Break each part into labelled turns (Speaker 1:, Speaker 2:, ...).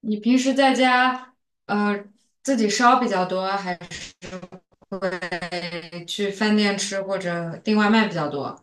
Speaker 1: 你平时在家呃自己烧比较多，还是去饭店吃或者订外卖比较多？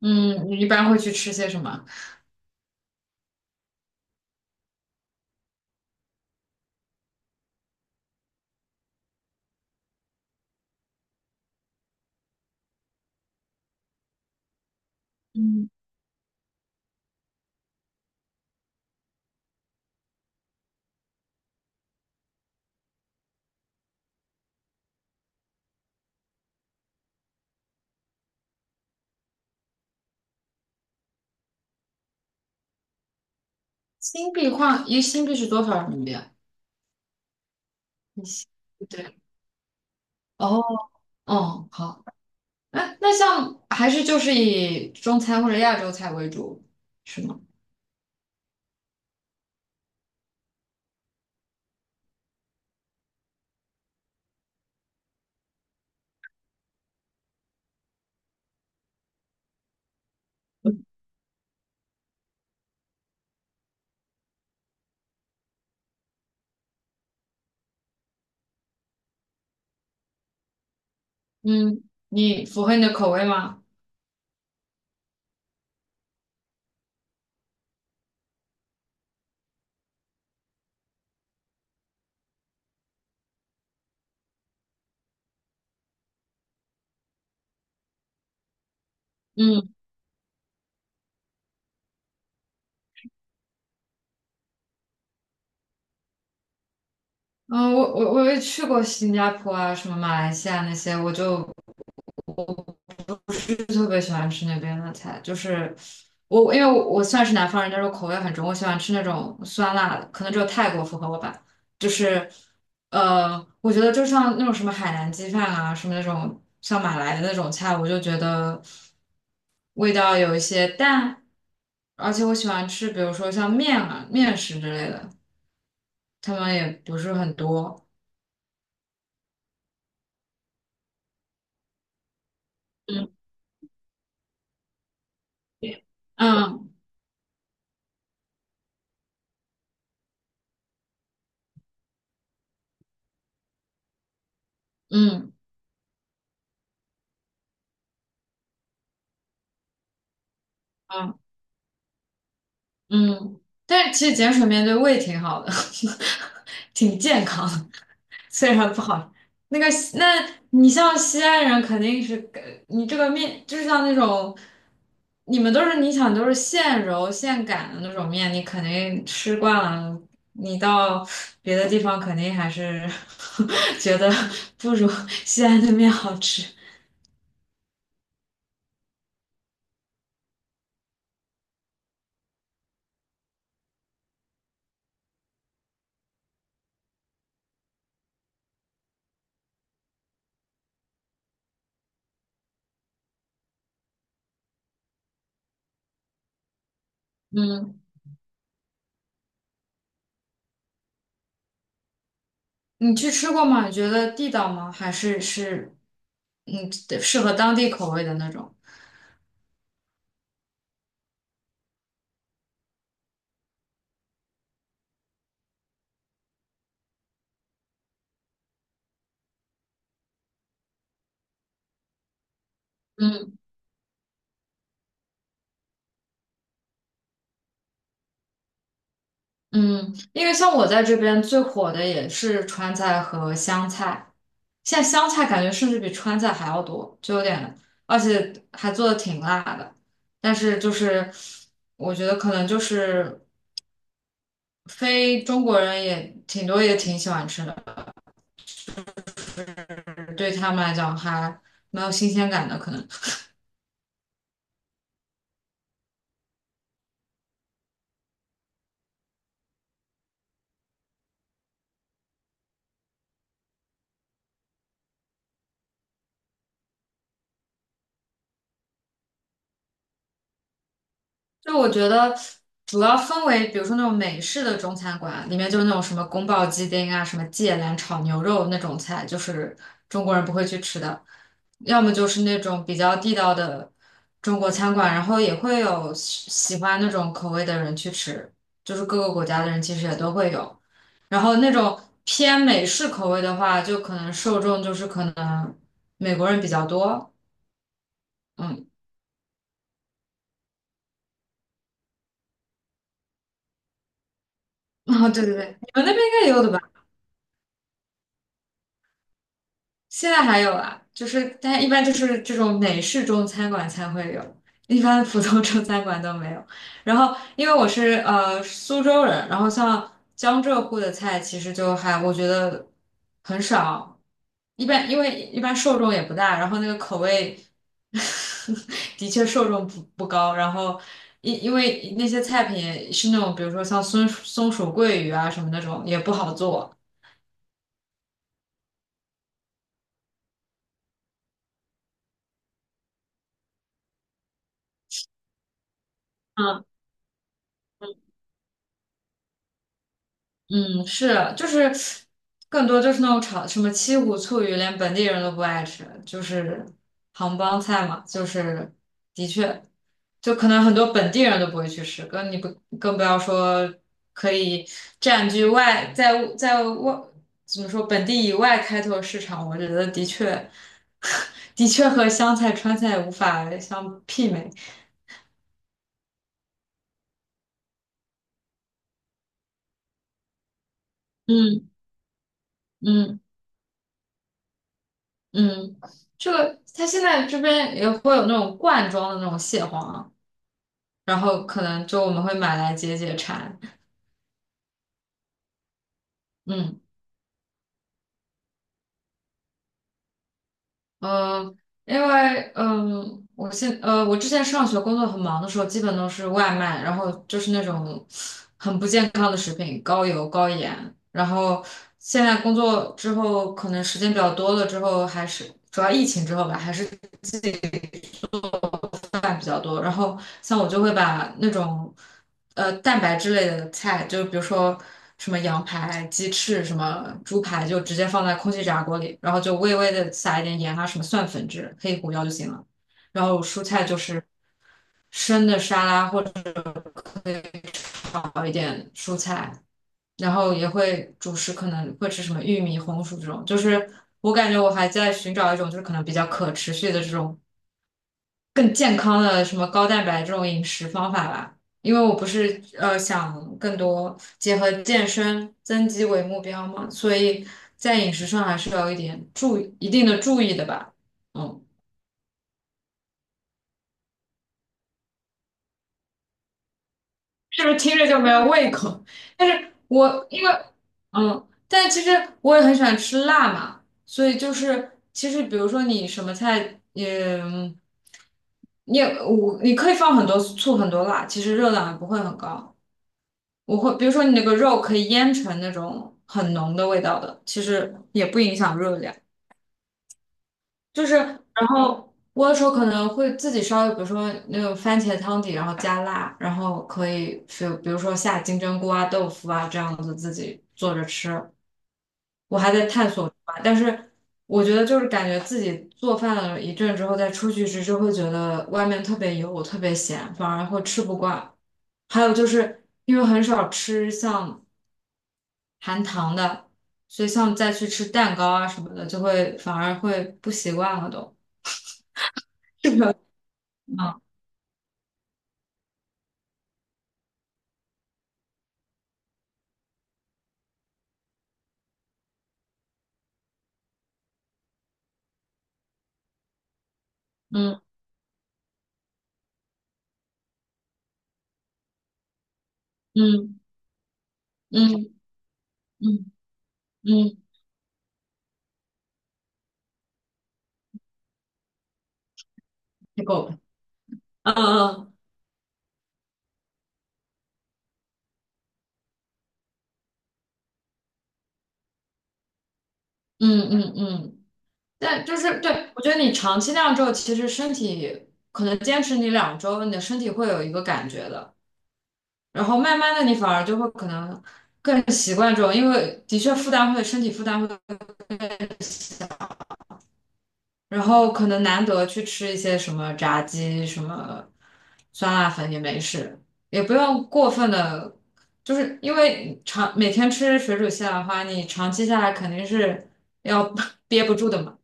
Speaker 1: 嗯，你一般会去吃些什么？嗯，新币换一新币是多少人民币啊？一新对。哦，哦，好，那像还是就是以中餐或者亚洲菜为主，是吗？嗯，你符合你的口味吗？嗯嗯，我也去过新加坡啊，什么马来西亚那些，我就特别喜欢吃那边的菜，就是我，因为我算是南方人，但是我口味很重，我喜欢吃那种酸辣的，可能只有泰国符合我吧。就是我觉得就像那种什么海南鸡饭啊，什么那种像马来的那种菜，我就觉得味道有一些淡，而且我喜欢吃，比如说像面啊、面食之类的，他们也不是很多。嗯，嗯嗯嗯。嗯，但是其实碱水面对胃挺好的，挺健康的，虽然不好。那个你像西安人肯定是，你这个面就是像那种，你们都是都是现揉现擀的那种面，你肯定吃惯了，你到别的地方肯定还是 觉得不如 西安的面好吃。嗯，你去吃过吗？你觉得地道吗？还是是，嗯，适合当地口味的那种？嗯嗯，因为像我在这边最火的也是川菜和湘菜，现在湘菜感觉甚至比川菜还要多，就有点，而且还做的挺辣的。但是就是我觉得可能就是非中国人也挺多也挺喜欢吃的，对他们来讲还蛮有新鲜感的，可能。就我觉得主要分为，比如说那种美式的中餐馆，里面就是那种什么宫保鸡丁啊、什么芥蓝炒牛肉那种菜，就是中国人不会去吃的；要么就是那种比较地道的中国餐馆，然后也会有喜欢那种口味的人去吃，就是各个国家的人其实也都会有。然后那种偏美式口味的话，就可能受众就是可能美国人比较多，嗯，哦，对对对，你们那边应该也有的吧？现在还有啊，就是但一般就是这种美式中餐馆才会有，一般普通中餐馆都没有。然后因为我是苏州人，然后像江浙沪的菜其实就还我觉得很少，一般因为一般受众也不大，然后那个口味 的确受众不高，然后。因为那些菜品也是那种，比如说像松鼠桂鱼啊什么那种，也不好做。嗯。嗯，是，就是更多就是那种炒什么七股醋鱼，连本地人都不爱吃，就是杭帮菜嘛，就是的确，就可能很多本地人都不会去吃，更不要说可以占据外在在外怎么说本地以外开拓市场，我觉得的确 的确和湘菜川菜无法相媲美。嗯嗯。嗯，这个它现在这边也会有那种罐装的那种蟹黄，然后可能就我们会买来解解馋。嗯嗯，因为嗯，我之前上学工作很忙的时候，基本都是外卖，然后就是那种很不健康的食品，高油高盐。然后现在工作之后，可能时间比较多了之后，还是主要疫情之后吧，还是饭比较多，然后像我就会把那种蛋白质类的菜，就比如说什么羊排、鸡翅、什么猪排，就直接放在空气炸锅里，然后就微微的撒一点盐啊，什么蒜粉之类、黑胡椒就行了。然后蔬菜就是生的沙拉或者可以炒一点蔬菜，然后也会主食可能会吃什么玉米、红薯这种，就是我感觉我还在寻找一种就是可能比较可持续的这种更健康的什么高蛋白这种饮食方法吧。因为我不是想更多结合健身增肌为目标嘛，所以在饮食上还是要有一点注意的吧。嗯，是不是听着就没有胃口？但是我因为嗯，但其实我也很喜欢吃辣嘛，所以就是其实比如说你什么菜，嗯，你也我你可以放很多醋很多辣，其实热量也不会很高。我会，比如说你那个肉可以腌成那种很浓的味道的，其实也不影响热量。就是，然后我有时候可能会自己烧，比如说那种番茄汤底，然后加辣，然后可以就比如说下金针菇啊、豆腐啊这样子自己做着吃。我还在探索吧但是我觉得就是感觉自己做饭了一阵之后再出去吃，就会觉得外面特别油、特别咸，反而会吃不惯。还有就是因为很少吃像。含糖的，所以像再去吃蛋糕啊什么的，就会反而会不习惯了都。这个，嗯嗯嗯嗯嗯嗯，太够了。嗯嗯嗯，但就是对，我觉得你长期那样之后，其实身体可能坚持你两周，你的身体会有一个感觉的，然后慢慢的你反而就会可能更习惯这种，因为的确负担会身体负担会。然后可能难得去吃一些什么炸鸡、什么酸辣粉也没事，也不用过分的，就是因为长每天吃水煮西兰花，你长期下来肯定是要 憋不住的嘛。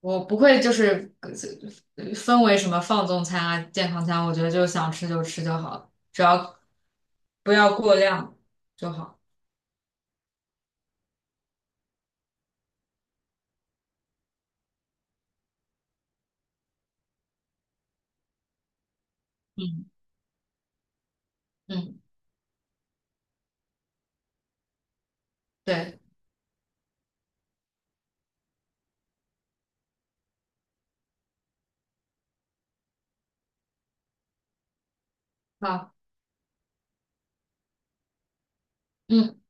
Speaker 1: 我不会就是分为什么放纵餐啊、健康餐，我觉得就想吃就吃就好了，只要不要过量就好。嗯嗯，对，好。嗯。